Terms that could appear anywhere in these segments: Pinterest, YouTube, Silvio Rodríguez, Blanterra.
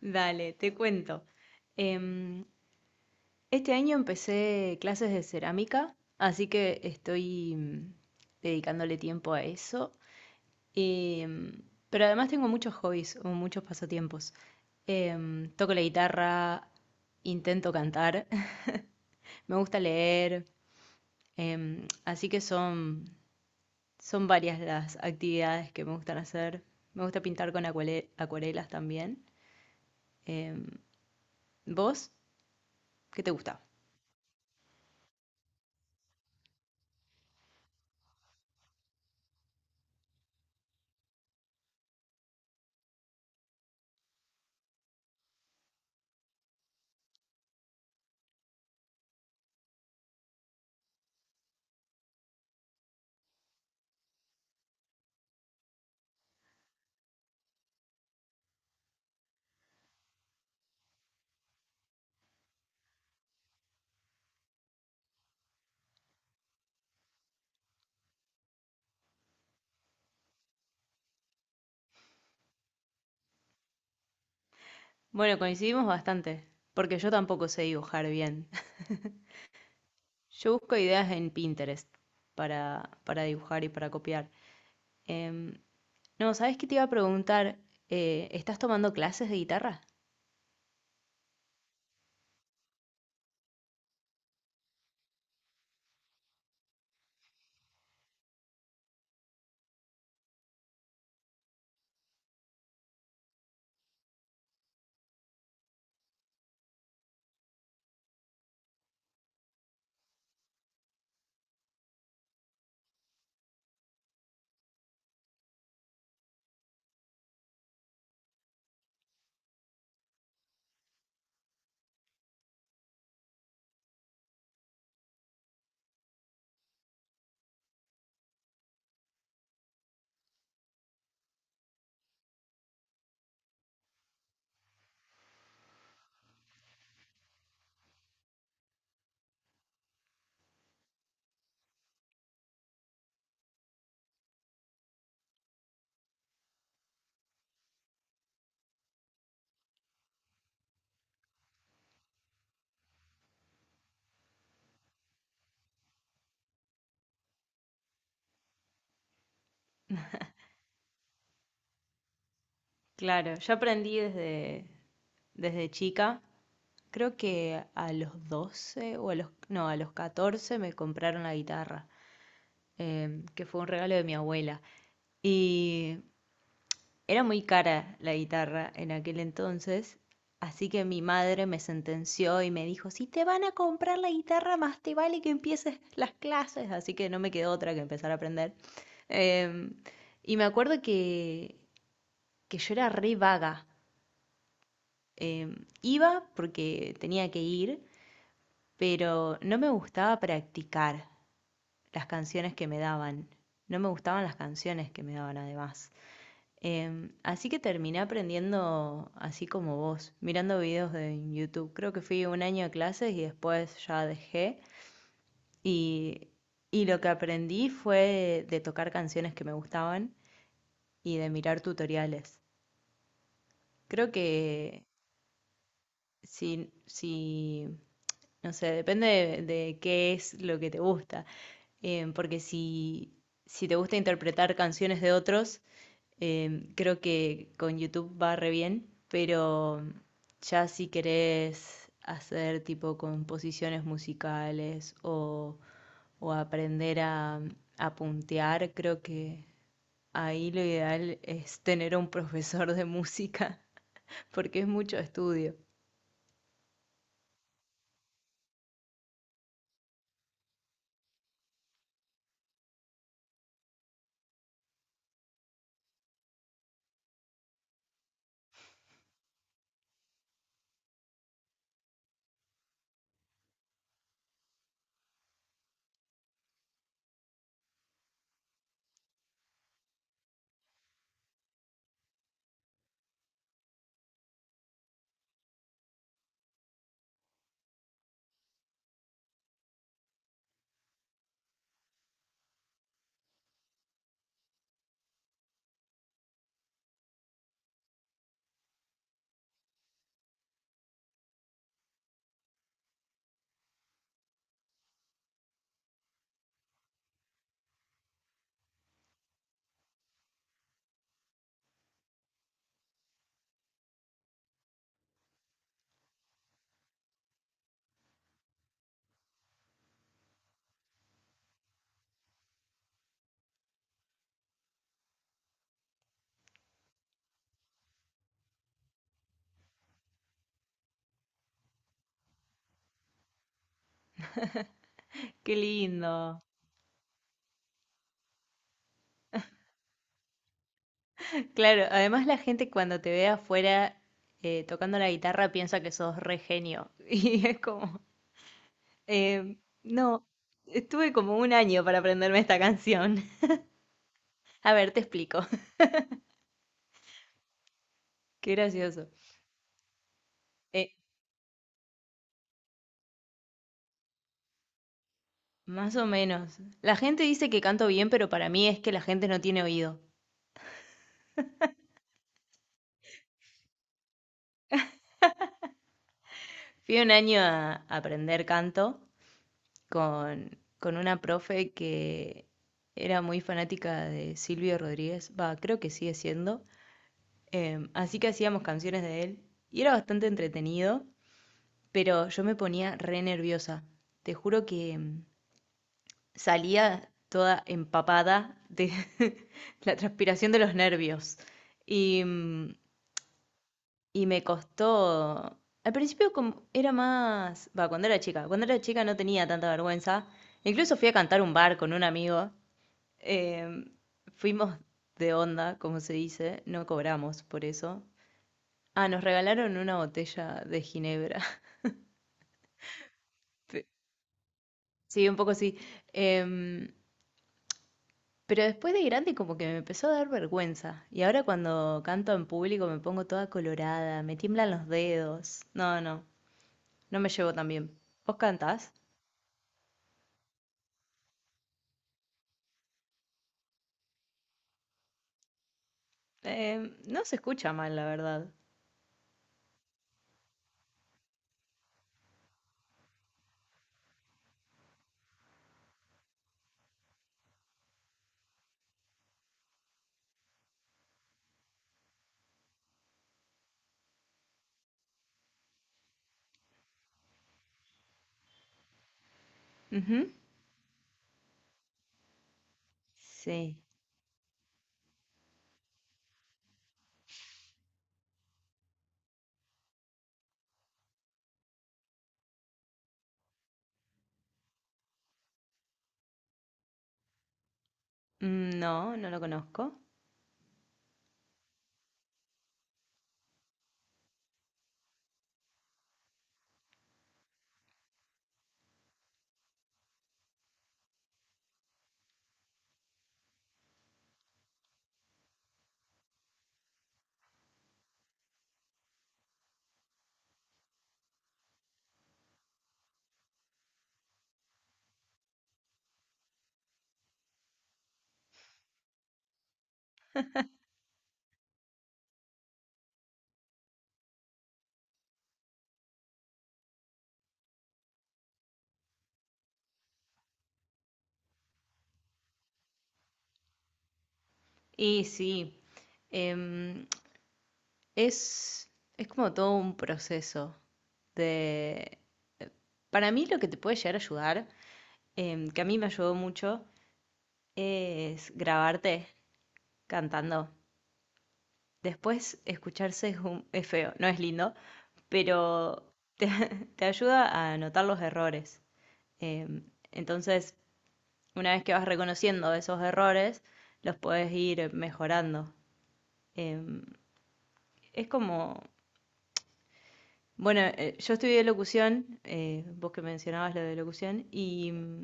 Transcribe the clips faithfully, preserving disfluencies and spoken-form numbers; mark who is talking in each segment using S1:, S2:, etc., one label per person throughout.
S1: Dale, te cuento. Em, este año empecé clases de cerámica, así que estoy mm, dedicándole tiempo a eso. Em, pero además tengo muchos hobbies o muchos pasatiempos. Em, toco la guitarra, intento cantar, me gusta leer, em, así que son, son varias las actividades que me gustan hacer. Me gusta pintar con acuare- acuarelas también. Em, ¿Vos? ¿Qué te gusta? Bueno, coincidimos bastante, porque yo tampoco sé dibujar bien. Yo busco ideas en Pinterest para, para dibujar y para copiar. Em, no, ¿sabes qué te iba a preguntar? Eh, ¿estás tomando clases de guitarra? Claro, yo aprendí desde, desde chica. Creo que a los doce o a los, no, a los catorce me compraron la guitarra, em, que fue un regalo de mi abuela. Y era muy cara la guitarra en aquel entonces, así que mi madre me sentenció y me dijo, si te van a comprar la guitarra, más te vale que empieces las clases, así que no me quedó otra que empezar a aprender. Eh, y me acuerdo que, que yo era re vaga. Eh, Iba porque tenía que ir, pero no me gustaba practicar las canciones que me daban. No me gustaban las canciones que me daban además. Em, así que terminé aprendiendo así como vos, mirando videos de YouTube. Creo que fui un año a clases y después ya dejé. Y, y lo que aprendí fue de tocar canciones que me gustaban y de mirar tutoriales. Creo que si, si no sé, depende de, de qué es lo que te gusta. Eh, porque si, si te gusta interpretar canciones de otros, eh, creo que con YouTube va re bien, pero ya si querés hacer tipo composiciones musicales o, o aprender a, a puntear, creo que ahí lo ideal es tener un profesor de música, porque es mucho estudio. Qué lindo. Claro, además la gente cuando te ve afuera eh, tocando la guitarra piensa que sos re genio. Y es como, eh, no, estuve como un año para aprenderme esta canción. A ver, te explico. Qué gracioso. Eh, Más o menos. La gente dice que canto bien, pero para mí es que la gente no tiene oído. Fui un año a a aprender canto con, con una profe que era muy fanática de Silvio Rodríguez. Va, creo que sigue siendo. Em, así que hacíamos canciones de él y era bastante entretenido, pero yo me ponía re nerviosa. Te juro que em, salía toda empapada de la transpiración de los nervios. Y, mm, y me costó... Al principio como era más... Va, cuando era chica. Cuando era chica no tenía tanta vergüenza. Incluso fui a cantar un bar con un amigo. em, Fuimos de onda, como se dice. No cobramos por eso. Ah, nos regalaron una botella de ginebra. Pe- Sí, un poco sí. Em, pero después de grande como que me empezó a dar vergüenza. Y ahora cuando canto en público me pongo toda colorada, me tiemblan los dedos. No, no, no me llevo tan bien. ¿Vos cantás? Em, no se escucha mal, la verdad. Ujú. Sí. Mm, no, no lo conozco. Y sí, em, es, es como todo un proceso de... Para mí lo que te puede llegar a ayudar em, que a mí me ayudó mucho es grabarte cantando. Después escucharse es, un- es feo, no es lindo, pero te, te ayuda a notar los errores. Em, entonces, una vez que vas reconociendo esos errores, los puedes ir mejorando. Em, es como, bueno, eh, yo estudié locución, eh, vos que mencionabas lo de locución, y mm,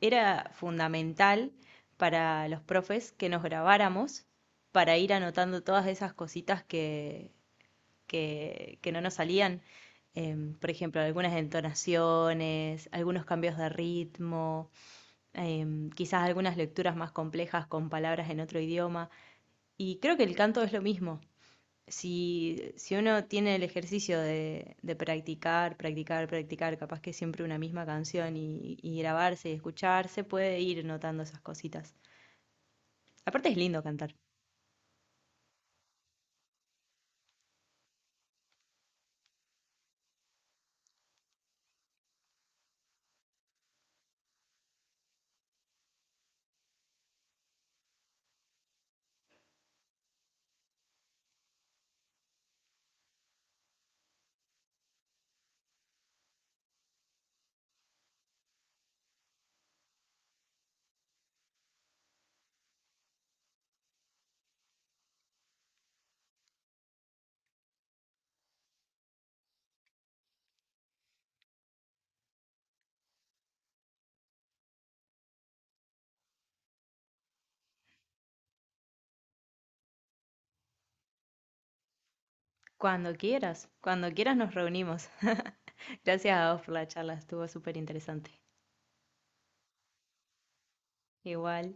S1: era fundamental para los profes que nos grabáramos para ir anotando todas esas cositas que, que, que no nos salían. Em, por ejemplo, algunas entonaciones, algunos cambios de ritmo, em, quizás algunas lecturas más complejas con palabras en otro idioma. Y creo que el canto es lo mismo si, si uno tiene el ejercicio de, de practicar, practicar, practicar, capaz que siempre una misma canción y, y grabarse y escucharse, puede ir notando esas cositas. Aparte es lindo cantar. Cuando quieras, cuando quieras nos reunimos. Gracias a vos por la charla, estuvo súper interesante. Igual.